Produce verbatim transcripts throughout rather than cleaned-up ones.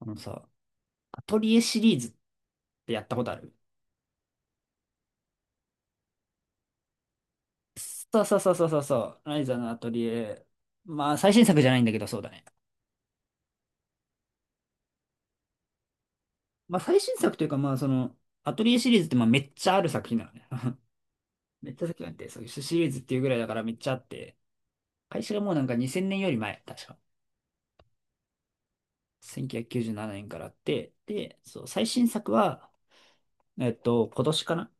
あのさ、アトリエシリーズってやったことある？そうそうそうそうそうそう。ライザのアトリエ。まあ、最新作じゃないんだけど、そうだね。まあ、最新作というか、まあ、その、アトリエシリーズって、まあ、めっちゃある作品なのね。めっちゃ先なんて、そういうシリーズっていうぐらいだからめっちゃあって、開始がもうなんかにせんねんより前、確か。せんきゅうひゃくきゅうじゅうななねんからあって、で、そう、最新作は、えっと、今年かな。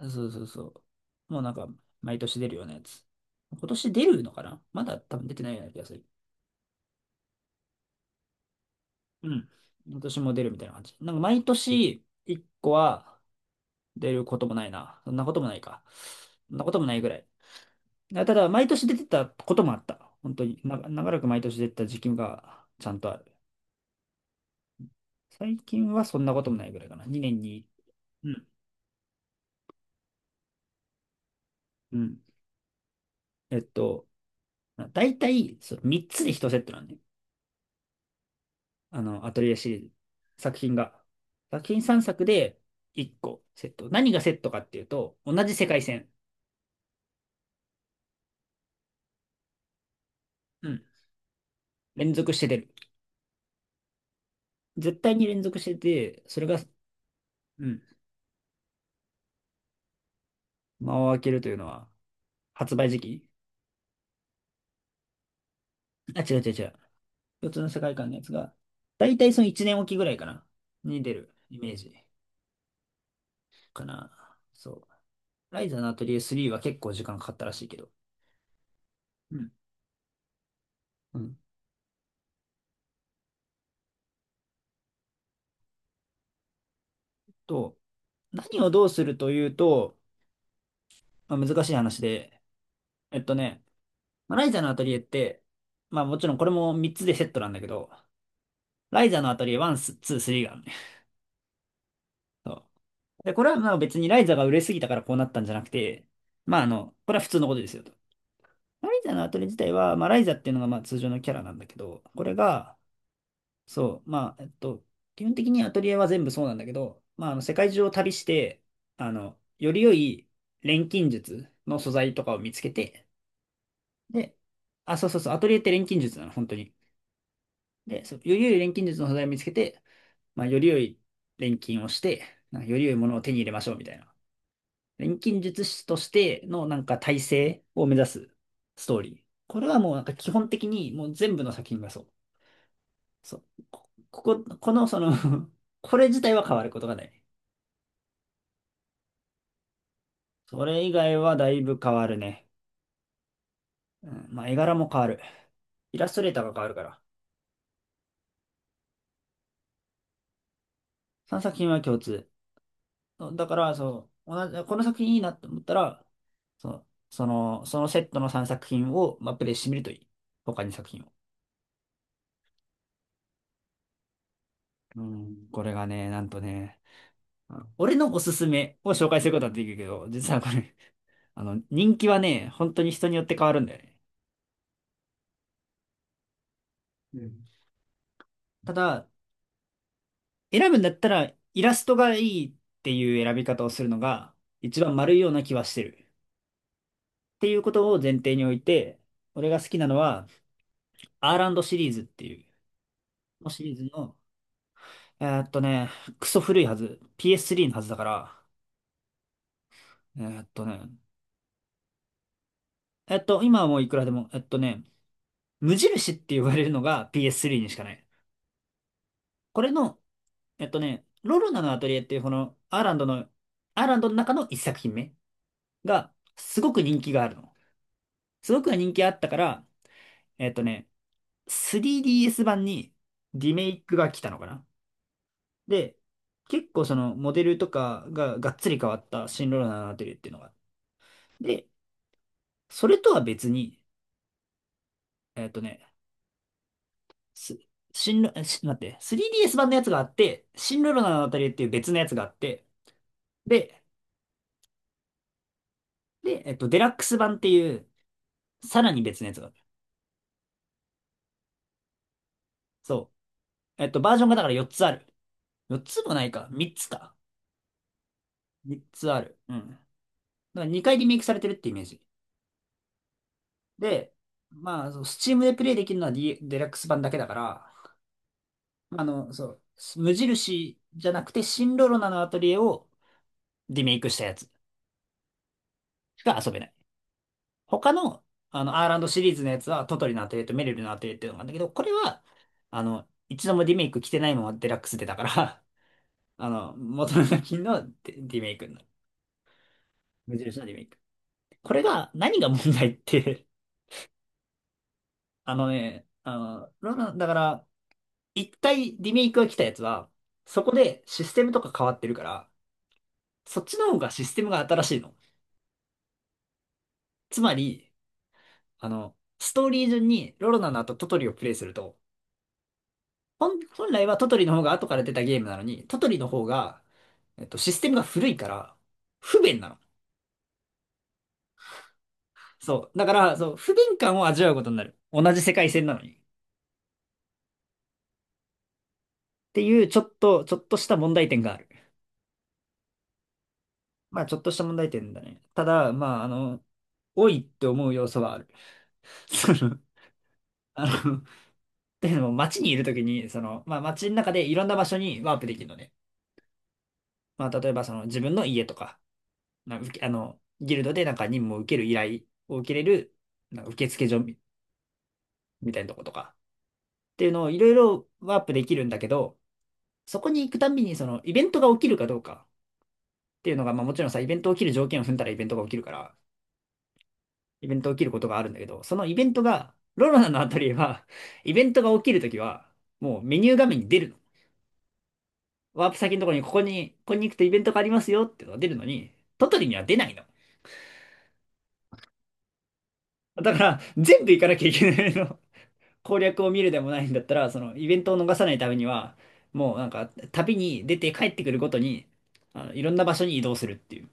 そうそうそう。もうなんか、毎年出るようなやつ。今年出るのかな。まだ多分出てないような気がする。うん。私も出るみたいな感じ。なんか毎年いっこは出ることもないな。そんなこともないか。そんなこともないぐらい。あ、ただ、毎年出てたこともあった。本当に、な、長らく毎年出てた時期がちゃんとある。最近はそんなこともないぐらいかな。にねんに。うん。うん。えっと、だいたいそうみっつでいちセットなんで。あの、アトリエシリーズ。作品が。作品さんさくでいっこセット。何がセットかっていうと、同じ世界線。うん。連続して出る。絶対に連続してて、それが、うん。間を空けるというのは、発売時期。あ、違う違う違う。共通の世界観のやつが、だいたいそのいちねんおきぐらいかな。に出るイメージかな。そう。ライザのアトリエスリーは結構時間かかったらしいけど。うん。うん。と、何をどうするというと、まあ、難しい話で、えっとね、まあライザのアトリエって、まあもちろんこれもみっつでセットなんだけど、ライザのアトリエワン、ツー、スリーがあるね。そうで、これはまあ別にライザが売れすぎたからこうなったんじゃなくて、まああの、これは普通のことですよと。ライザのアトリエ自体は、まあライザっていうのがまあ通常のキャラなんだけど、これが、そう、まあ、えっと、基本的にアトリエは全部そうなんだけど、まああの世界中を旅して、あの、より良い錬金術の素材とかを見つけて、で、あ、そうそうそう、アトリエって錬金術なの、本当に。で、そう、より良い錬金術の素材を見つけて、まあより良い錬金をして、なんかより良いものを手に入れましょうみたいな。錬金術師としてのなんか体制を目指すストーリー。これはもうなんか基本的にもう全部の作品がそう。そう。こ、ここ、このその これ自体は変わることがない。それ以外はだいぶ変わるね。うん、まあ絵柄も変わる。イラストレーターが変わるから。さんさく品は共通。そうだから、そう、同じ、この作品いいなと思ったら、そう、その、そのセットのさんさく品を、まあ、プレイしてみるといい。他に作品を。うん、これがね、なんとね、あの俺のおすすめを紹介することはできるけど、実はこれ、あの、人気はね、本当に人によって変わるんだよね。うん。ただ、選ぶんだったら、イラストがいいっていう選び方をするのが、一番丸いような気はしてる。っていうことを前提において、俺が好きなのは、アールアンドシリーズっていう、シリーズの、えーっとね、クソ古いはず、ピーエススリー のはずだから、えーっとね、えっと、今はもういくらでも、えっとね、無印って呼ばれるのが ピーエススリー にしかない。これのえっとね、ロロナのアトリエっていうこのアーランドの、アーランドの中の一作品目がすごく人気があるの。すごく人気あったから、えっとね、スリーディーエス 版にリメイクが来たのかな。で、結構そのモデルとかががっつり変わった新ロロナのアトリエっていうのが。で、それとは別に、えっとね、す新ロ、えし待って、スリーディーエス 版のやつがあって、新ロロナのアトリエっていう別のやつがあって、で、で、えっと、デラックス版っていうさらに別のやつがある。そう。えっと、バージョンがだからよっつある。よっつもないか。みっつか。みっつある。うん。だからにかいリメイクされてるってイメージ。で、まあ、そう、s t でプレイできるのは、D、デラックス版だけだから、まあの、そう、無印じゃなくて、シンロロナのアトリエをリメイクしたやつしか遊べない。他の、あの、アーランドシリーズのやつは、トトリのアトリエとメリルのアトリエっていうのがあるんだけど、これは、あの、一度もリメイク来てないままデラックスでだから、あの、元の作品のデリメイクになる。無印のリメイク。これが、何が問題って あのね、あの、ロナだから、一回リメイクが来たやつは、そこでシステムとか変わってるから、そっちの方がシステムが新しいの。つまり、あの、ストーリー順にロロナの後トトリをプレイすると、本、本来はトトリの方が後から出たゲームなのに、トトリの方が、えっと、システムが古いから、不便なの。そう。だから、そう、不便感を味わうことになる。同じ世界線なのに。っていう、ちょっと、ちょっとした問題点がある。まあ、ちょっとした問題点だね。ただ、まあ、あの、多いって思う要素はある。その、あの、っていうのも、街にいるときに、その、まあ、街の中でいろんな場所にワープできるのね。まあ、例えば、その、自分の家とか、なあ、受けあの、ギルドでなんか任務を受ける依頼を受けれる、なんか受付所みみたいなとことか、っていうのをいろいろワープできるんだけど、そこに行くたんびに、その、イベントが起きるかどうかっていうのが、まあ、もちろんさ、イベント起きる条件を踏んだらイベントが起きるから、イベント起きることがあるんだけど、そのイベントが、ロロナのアトリエは、イベントが起きるときは、もうメニュー画面に出るの。ワープ先のところに、ここに、ここに行くとイベントがありますよっていうのが出るのに、トトリには出ないの。だから、全部行かなきゃいけないの。攻略を見るでもないんだったら、そのイベントを逃さないためには、もうなんか、旅に出て帰ってくるごとに、あの、いろんな場所に移動するっていう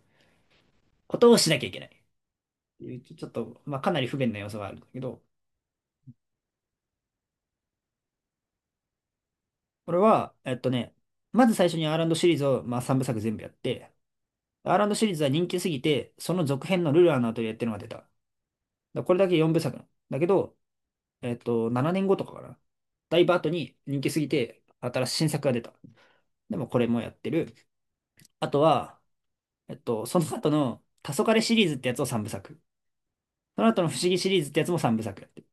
ことをしなきゃいけない。っていうちょっと、まあ、かなり不便な要素があるんだけど、これは、えっとね、まず最初にアーランドシリーズを、まあ、さんぶさく全部やって、アーランドシリーズは人気すぎて、その続編のルルアのアトリエっていうのが出た。だからこれだけよんぶさくだけど、えっと、ななねんごとかかな。だいぶ後に人気すぎて、新しい新作が出た。でもこれもやってる。あとは、えっと、その後の黄昏シリーズってやつをさんぶさく。その後の不思議シリーズってやつもさんぶさくやってる。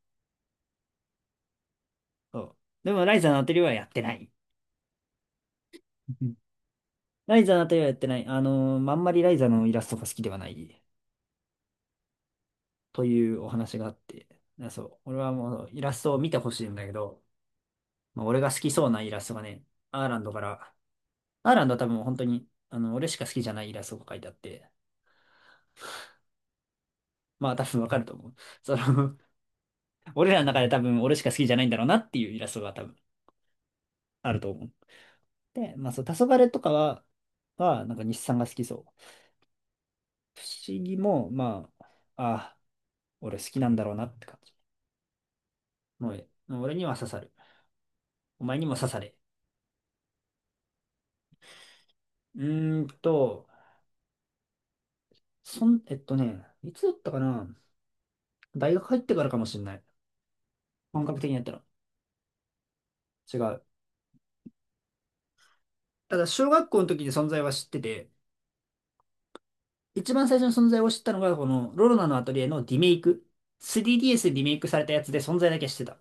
そう。でもライザーのアトリエはやってない。ライザーのあたりはやってない。あのーまああんまりライザーのイラストが好きではない。というお話があって、そう、俺はもうイラストを見てほしいんだけど、まあ、俺が好きそうなイラストがね、アーランドから、アーランドは多分本当に、あの、俺しか好きじゃないイラストが書いてあって、まあ多分わかると思う。その、俺らの中で多分俺しか好きじゃないんだろうなっていうイラストが多分あると思う。で、まあそう、黄昏とかは、は、なんか日産が好きそう。不思議も、まあ、ああ、俺好きなんだろうなって感じ。もう、もう俺には刺さる。お前にも刺され。うーんと、そん、えっとね、いつだったかな。大学入ってからかもしれない。本格的にやったの。違う。ただ、小学校の時に存在は知ってて、一番最初の存在を知ったのが、この、ロロナのアトリエのリメイク。スリーディーエス でリメイクされたやつで存在だけ知ってた。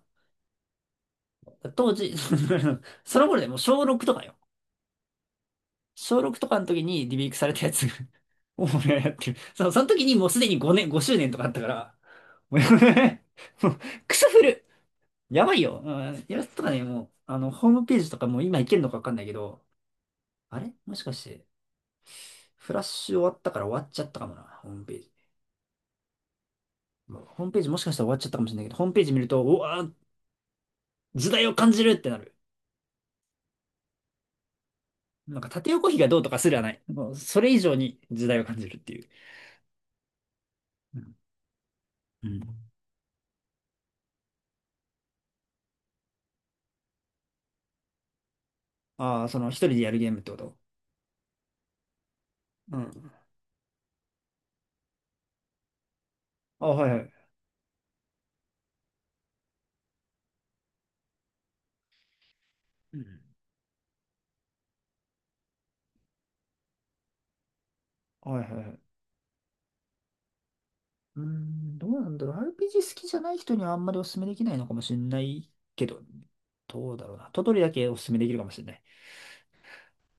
当時、その頃でもう小ろくとかよ。小ろくとかの時にリメイクされたやつを俺はやってる。その、その時にもうすでにごねん、ごしゅうねんとかあったから、もう もうクソ古やばいよ。うん、やつとかね、もう、あの、ホームページとかもう今いけるのかわかんないけど、あれもしかして、フラッシュ終わったから終わっちゃったかもな、ホームページ。もうホームページもしかしたら終わっちゃったかもしれないけど、ホームページ見ると、うわー、時代を感じるってなる。なんか縦横比がどうとかすらない。もうそれ以上に時代を感じるっていう。うん。うん、ああ、その一人でやるゲームってこと？うん。あ、はいはい。うん。はいはいはい。うーん、どうなんだろう。アールピージー 好きじゃない人にはあんまりお勧めできないのかもしれないけど、どうだろうな。トトリだけお勧めできるかもしれない。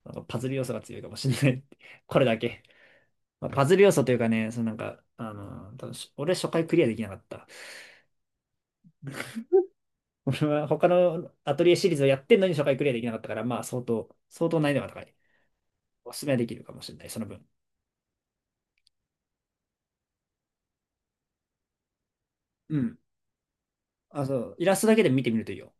なんかパズル要素が強いかもしれない。これだけ。まあ、パズル要素というかね、そのなんか、あのー、多分し俺初回クリアできなかった。俺は他のアトリエシリーズをやってんのに初回クリアできなかったから、まあ相当、相当難易度が高い。お勧めはできるかもしれない、その分。うん。あ、そう。イラストだけで見てみるといいよ。